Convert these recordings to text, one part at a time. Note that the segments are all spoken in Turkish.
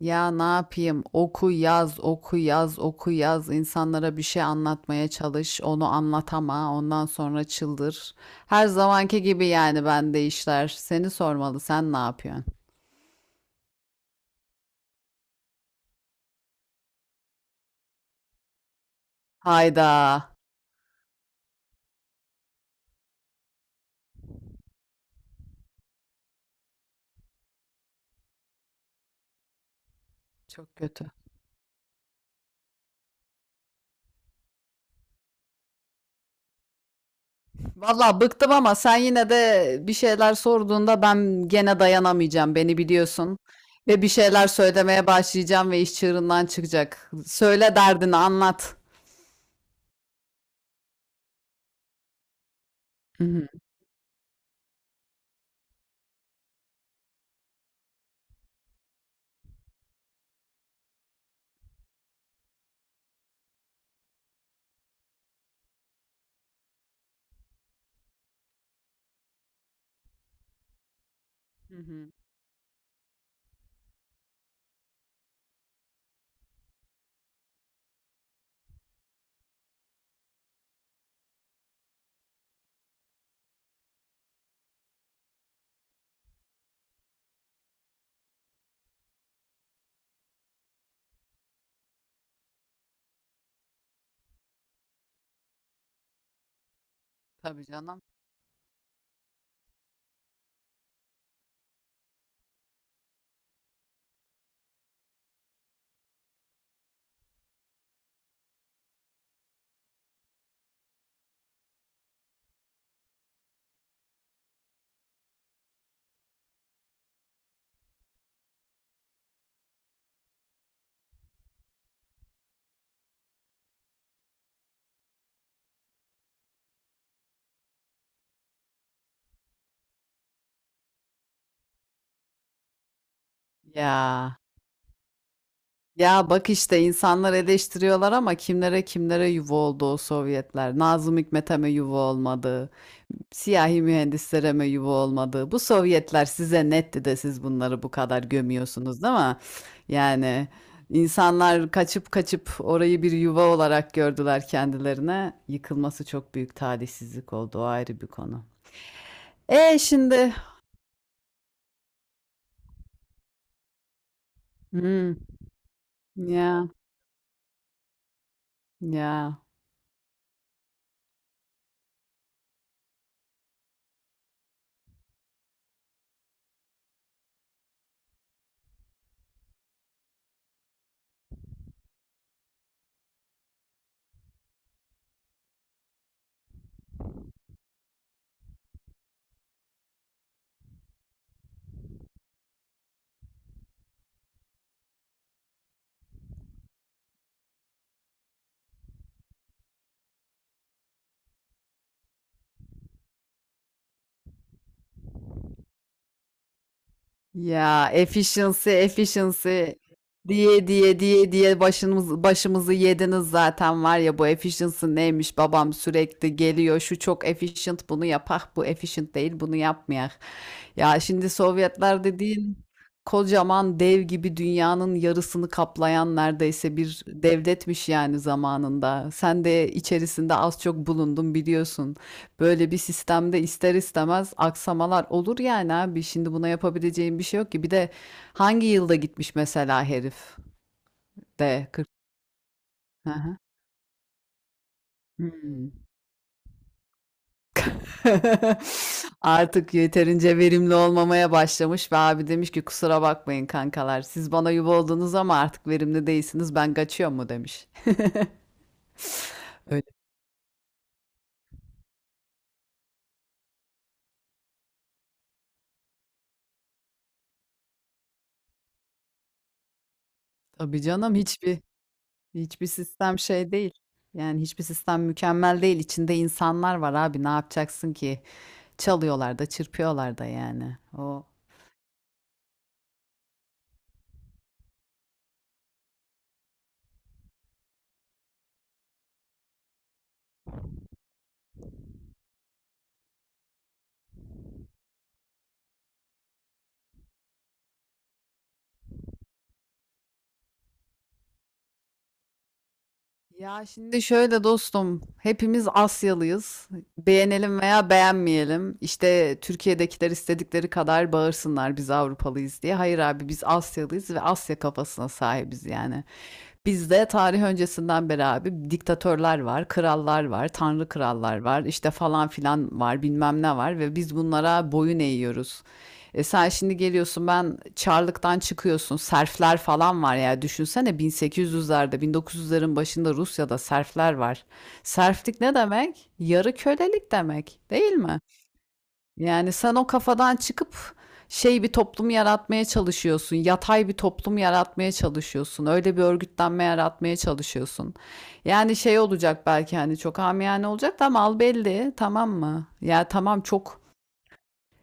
Ya ne yapayım? Oku yaz, oku yaz, oku yaz. İnsanlara bir şey anlatmaya çalış. Onu anlatama. Ondan sonra çıldır. Her zamanki gibi yani bende işler. Seni sormalı. Sen ne yapıyorsun? Hayda. Çok kötü. Vallahi bıktım ama sen yine de bir şeyler sorduğunda ben gene dayanamayacağım. Beni biliyorsun. Ve bir şeyler söylemeye başlayacağım ve iş çığırından çıkacak. Söyle derdini anlat. Hı hı. Hı hı. Tabii canım. Ya. Ya bak işte insanlar eleştiriyorlar ama kimlere kimlere yuva oldu o Sovyetler. Nazım Hikmet'e mi yuva olmadı? Siyahi mühendislere mi yuva olmadı? Bu Sovyetler size netti de siz bunları bu kadar gömüyorsunuz, değil mi? Yani insanlar kaçıp kaçıp orayı bir yuva olarak gördüler kendilerine. Yıkılması çok büyük talihsizlik oldu. O ayrı bir konu. E şimdi. Hmm, ya ya. Ya efficiency efficiency diye diye diye diye başımızı yediniz zaten. Var ya, bu efficiency neymiş babam, sürekli geliyor şu çok efficient bunu yapak, bu efficient değil bunu yapmayak. Ya şimdi Sovyetler dediğin kocaman dev gibi dünyanın yarısını kaplayan neredeyse bir devletmiş yani zamanında. Sen de içerisinde az çok bulundun, biliyorsun. Böyle bir sistemde ister istemez aksamalar olur yani abi. Şimdi buna yapabileceğim bir şey yok ki. Bir de hangi yılda gitmiş mesela herif, de 40. Hı hı. Hmm. Artık yeterince verimli olmamaya başlamış ve abi demiş ki kusura bakmayın kankalar. Siz bana yuva oldunuz ama artık verimli değilsiniz. Ben kaçıyorum mu demiş. Öyle. Tabii canım, hiçbir sistem şey değil. Yani hiçbir sistem mükemmel değil. İçinde insanlar var abi. Ne yapacaksın ki? Çalıyorlar da çırpıyorlar da yani. O. Ya şimdi şöyle dostum, hepimiz Asyalıyız. Beğenelim veya beğenmeyelim. İşte Türkiye'dekiler istedikleri kadar bağırsınlar biz Avrupalıyız diye. Hayır abi, biz Asyalıyız ve Asya kafasına sahibiz yani. Bizde tarih öncesinden beri abi diktatörler var, krallar var, tanrı krallar var, işte falan filan var, bilmem ne var ve biz bunlara boyun eğiyoruz. E sen şimdi geliyorsun, ben Çarlık'tan çıkıyorsun. Serfler falan var ya, düşünsene 1800'lerde 1900'lerin başında Rusya'da serfler var. Serflik ne demek? Yarı kölelik demek değil mi? Yani sen o kafadan çıkıp şey bir toplum yaratmaya çalışıyorsun. Yatay bir toplum yaratmaya çalışıyorsun. Öyle bir örgütlenme yaratmaya çalışıyorsun. Yani şey olacak belki, hani çok amiyane olacak da mal belli, tamam mı? Ya tamam çok.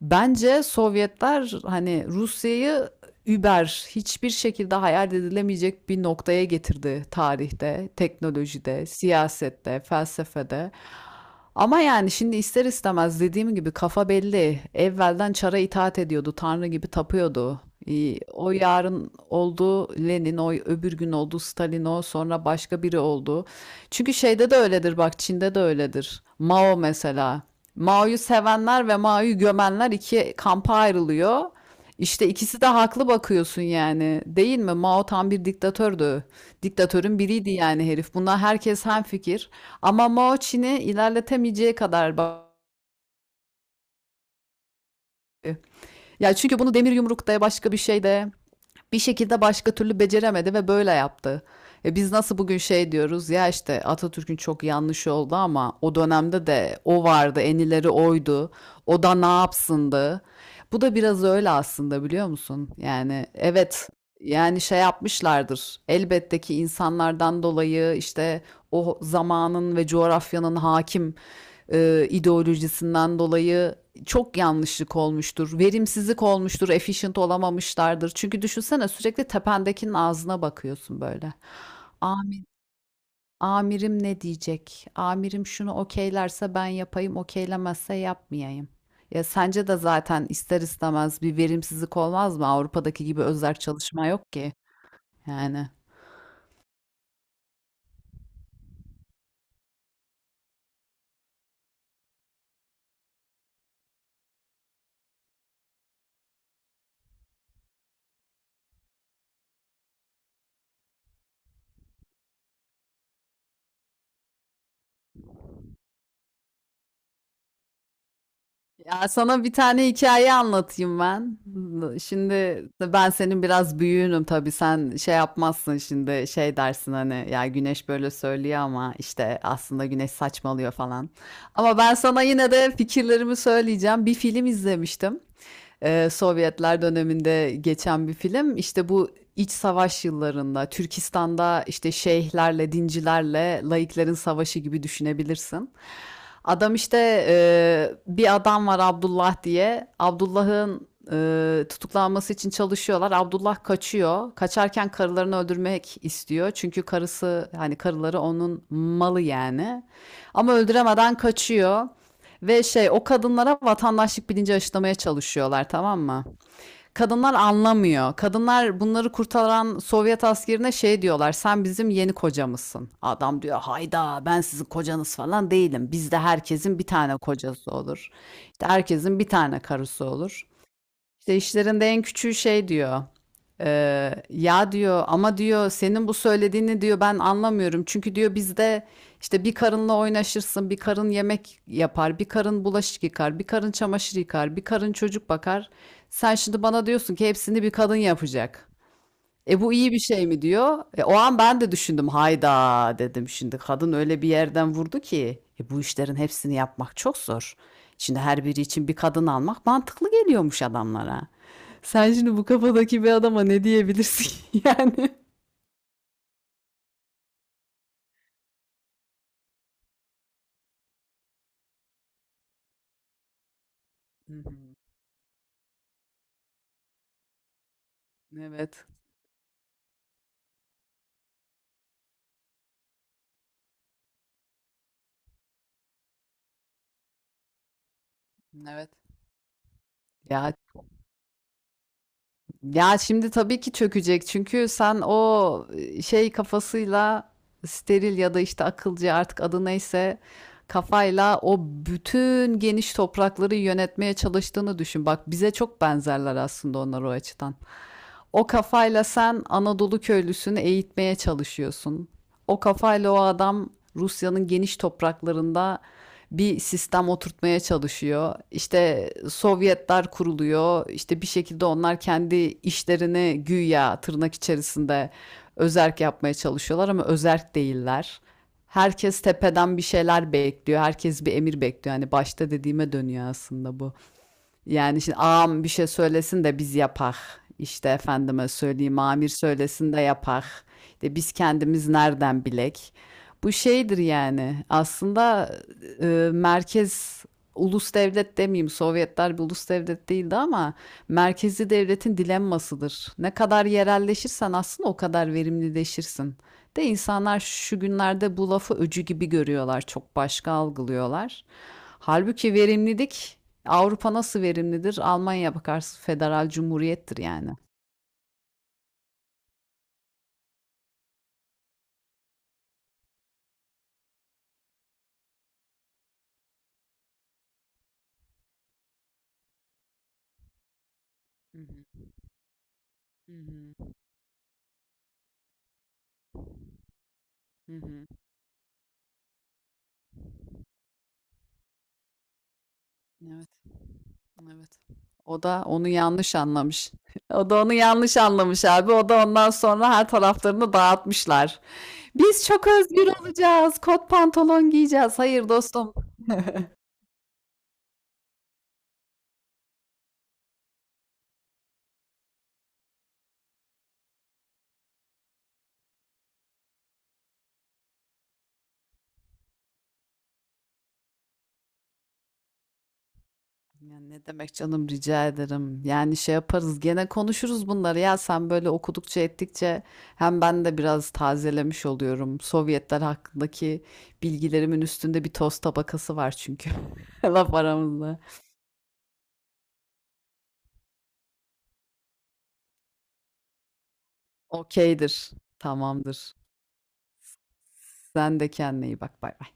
Bence Sovyetler hani Rusya'yı über hiçbir şekilde hayal edilemeyecek bir noktaya getirdi tarihte, teknolojide, siyasette, felsefede. Ama yani şimdi ister istemez dediğim gibi kafa belli. Evvelden çara itaat ediyordu, tanrı gibi tapıyordu. O yarın oldu Lenin, o öbür gün oldu Stalin, o sonra başka biri oldu. Çünkü şeyde de öyledir, bak Çin'de de öyledir. Mao mesela. Mao'yu sevenler ve Mao'yu gömenler iki kampa ayrılıyor. İşte ikisi de haklı bakıyorsun yani. Değil mi? Mao tam bir diktatördü. Diktatörün biriydi yani herif. Buna herkes hemfikir. Ama Mao Çin'i ilerletemeyeceği kadar bakıyor. Ya çünkü bunu demir yumrukta başka bir şeyde bir şekilde başka türlü beceremedi ve böyle yaptı. E biz nasıl bugün şey diyoruz ya, işte Atatürk'ün çok yanlış oldu ama o dönemde de o vardı, en ileri oydu. O da ne yapsındı? Bu da biraz öyle aslında, biliyor musun? Yani evet, yani şey yapmışlardır. Elbette ki insanlardan dolayı, işte o zamanın ve coğrafyanın hakim ideolojisinden dolayı çok yanlışlık olmuştur. Verimsizlik olmuştur. Efficient olamamışlardır. Çünkü düşünsene, sürekli tependekinin ağzına bakıyorsun böyle. Ami- Amirim ne diyecek? Amirim şunu okeylerse ben yapayım, okeylemezse yapmayayım. Ya sence de zaten ister istemez bir verimsizlik olmaz mı? Avrupa'daki gibi özerk çalışma yok ki. Yani. Ya sana bir tane hikaye anlatayım ben. Şimdi ben senin biraz büyüğünüm tabii, sen şey yapmazsın şimdi, şey dersin hani ya Güneş böyle söylüyor ama işte aslında Güneş saçmalıyor falan. Ama ben sana yine de fikirlerimi söyleyeceğim. Bir film izlemiştim, Sovyetler döneminde geçen bir film. İşte bu iç savaş yıllarında Türkistan'da işte şeyhlerle, dincilerle laiklerin savaşı gibi düşünebilirsin. Adam işte bir adam var Abdullah diye. Abdullah'ın tutuklanması için çalışıyorlar. Abdullah kaçıyor. Kaçarken karılarını öldürmek istiyor. Çünkü karısı, hani karıları onun malı yani. Ama öldüremeden kaçıyor. Ve şey, o kadınlara vatandaşlık bilinci aşılamaya çalışıyorlar, tamam mı? Kadınlar anlamıyor. Kadınlar bunları kurtaran Sovyet askerine şey diyorlar. Sen bizim yeni kocamızsın. Adam diyor hayda, ben sizin kocanız falan değilim. Bizde herkesin bir tane kocası olur. İşte herkesin bir tane karısı olur. İşte işlerinde en küçüğü şey diyor. Ya diyor ama diyor, senin bu söylediğini diyor ben anlamıyorum. Çünkü diyor bizde işte bir karınla oynaşırsın, bir karın yemek yapar, bir karın bulaşık yıkar, bir karın çamaşır yıkar, bir karın çocuk bakar. Sen şimdi bana diyorsun ki hepsini bir kadın yapacak. E, bu iyi bir şey mi diyor. E, o an ben de düşündüm. Hayda dedim, şimdi kadın öyle bir yerden vurdu ki bu işlerin hepsini yapmak çok zor. Şimdi her biri için bir kadın almak mantıklı geliyormuş adamlara. Sen şimdi bu kafadaki bir adama ne diyebilirsin yani? Hı hı. Evet. Evet. Ya, ya şimdi tabii ki çökecek çünkü sen o şey kafasıyla steril ya da işte akılcı, artık adı neyse, kafayla o bütün geniş toprakları yönetmeye çalıştığını düşün. Bak bize çok benzerler aslında onlar o açıdan. O kafayla sen Anadolu köylüsünü eğitmeye çalışıyorsun. O kafayla o adam Rusya'nın geniş topraklarında bir sistem oturtmaya çalışıyor. İşte Sovyetler kuruluyor. İşte bir şekilde onlar kendi işlerini güya tırnak içerisinde özerk yapmaya çalışıyorlar ama özerk değiller. Herkes tepeden bir şeyler bekliyor. Herkes bir emir bekliyor. Hani başta dediğime dönüyor aslında bu. Yani şimdi ağam bir şey söylesin de biz yapak. İşte efendime söyleyeyim, amir söylesin de yapak. İşte biz kendimiz nereden bilek? Bu şeydir yani aslında, e, merkez, ulus devlet demeyeyim, Sovyetler bir ulus devlet değildi ama merkezi devletin dilemmasıdır. Ne kadar yerelleşirsen aslında o kadar verimlileşirsin. De insanlar şu günlerde bu lafı öcü gibi görüyorlar, çok başka algılıyorlar. Halbuki verimlilik. Avrupa nasıl verimlidir? Almanya bakarsın federal cumhuriyettir yani. Hı hı, hı hı, hı hı. Evet, evet. O da onu yanlış anlamış. O da onu yanlış anlamış abi. O da ondan sonra her taraflarını dağıtmışlar. Biz çok özgür olacağız. Kot pantolon giyeceğiz. Hayır dostum. Ya ne demek canım, rica ederim. Yani şey yaparız, gene konuşuruz bunları, ya sen böyle okudukça ettikçe hem ben de biraz tazelemiş oluyorum. Sovyetler hakkındaki bilgilerimin üstünde bir toz tabakası var çünkü. Laf aramızda. Okeydir. Tamamdır. Sen de kendine iyi bak. Bay bay.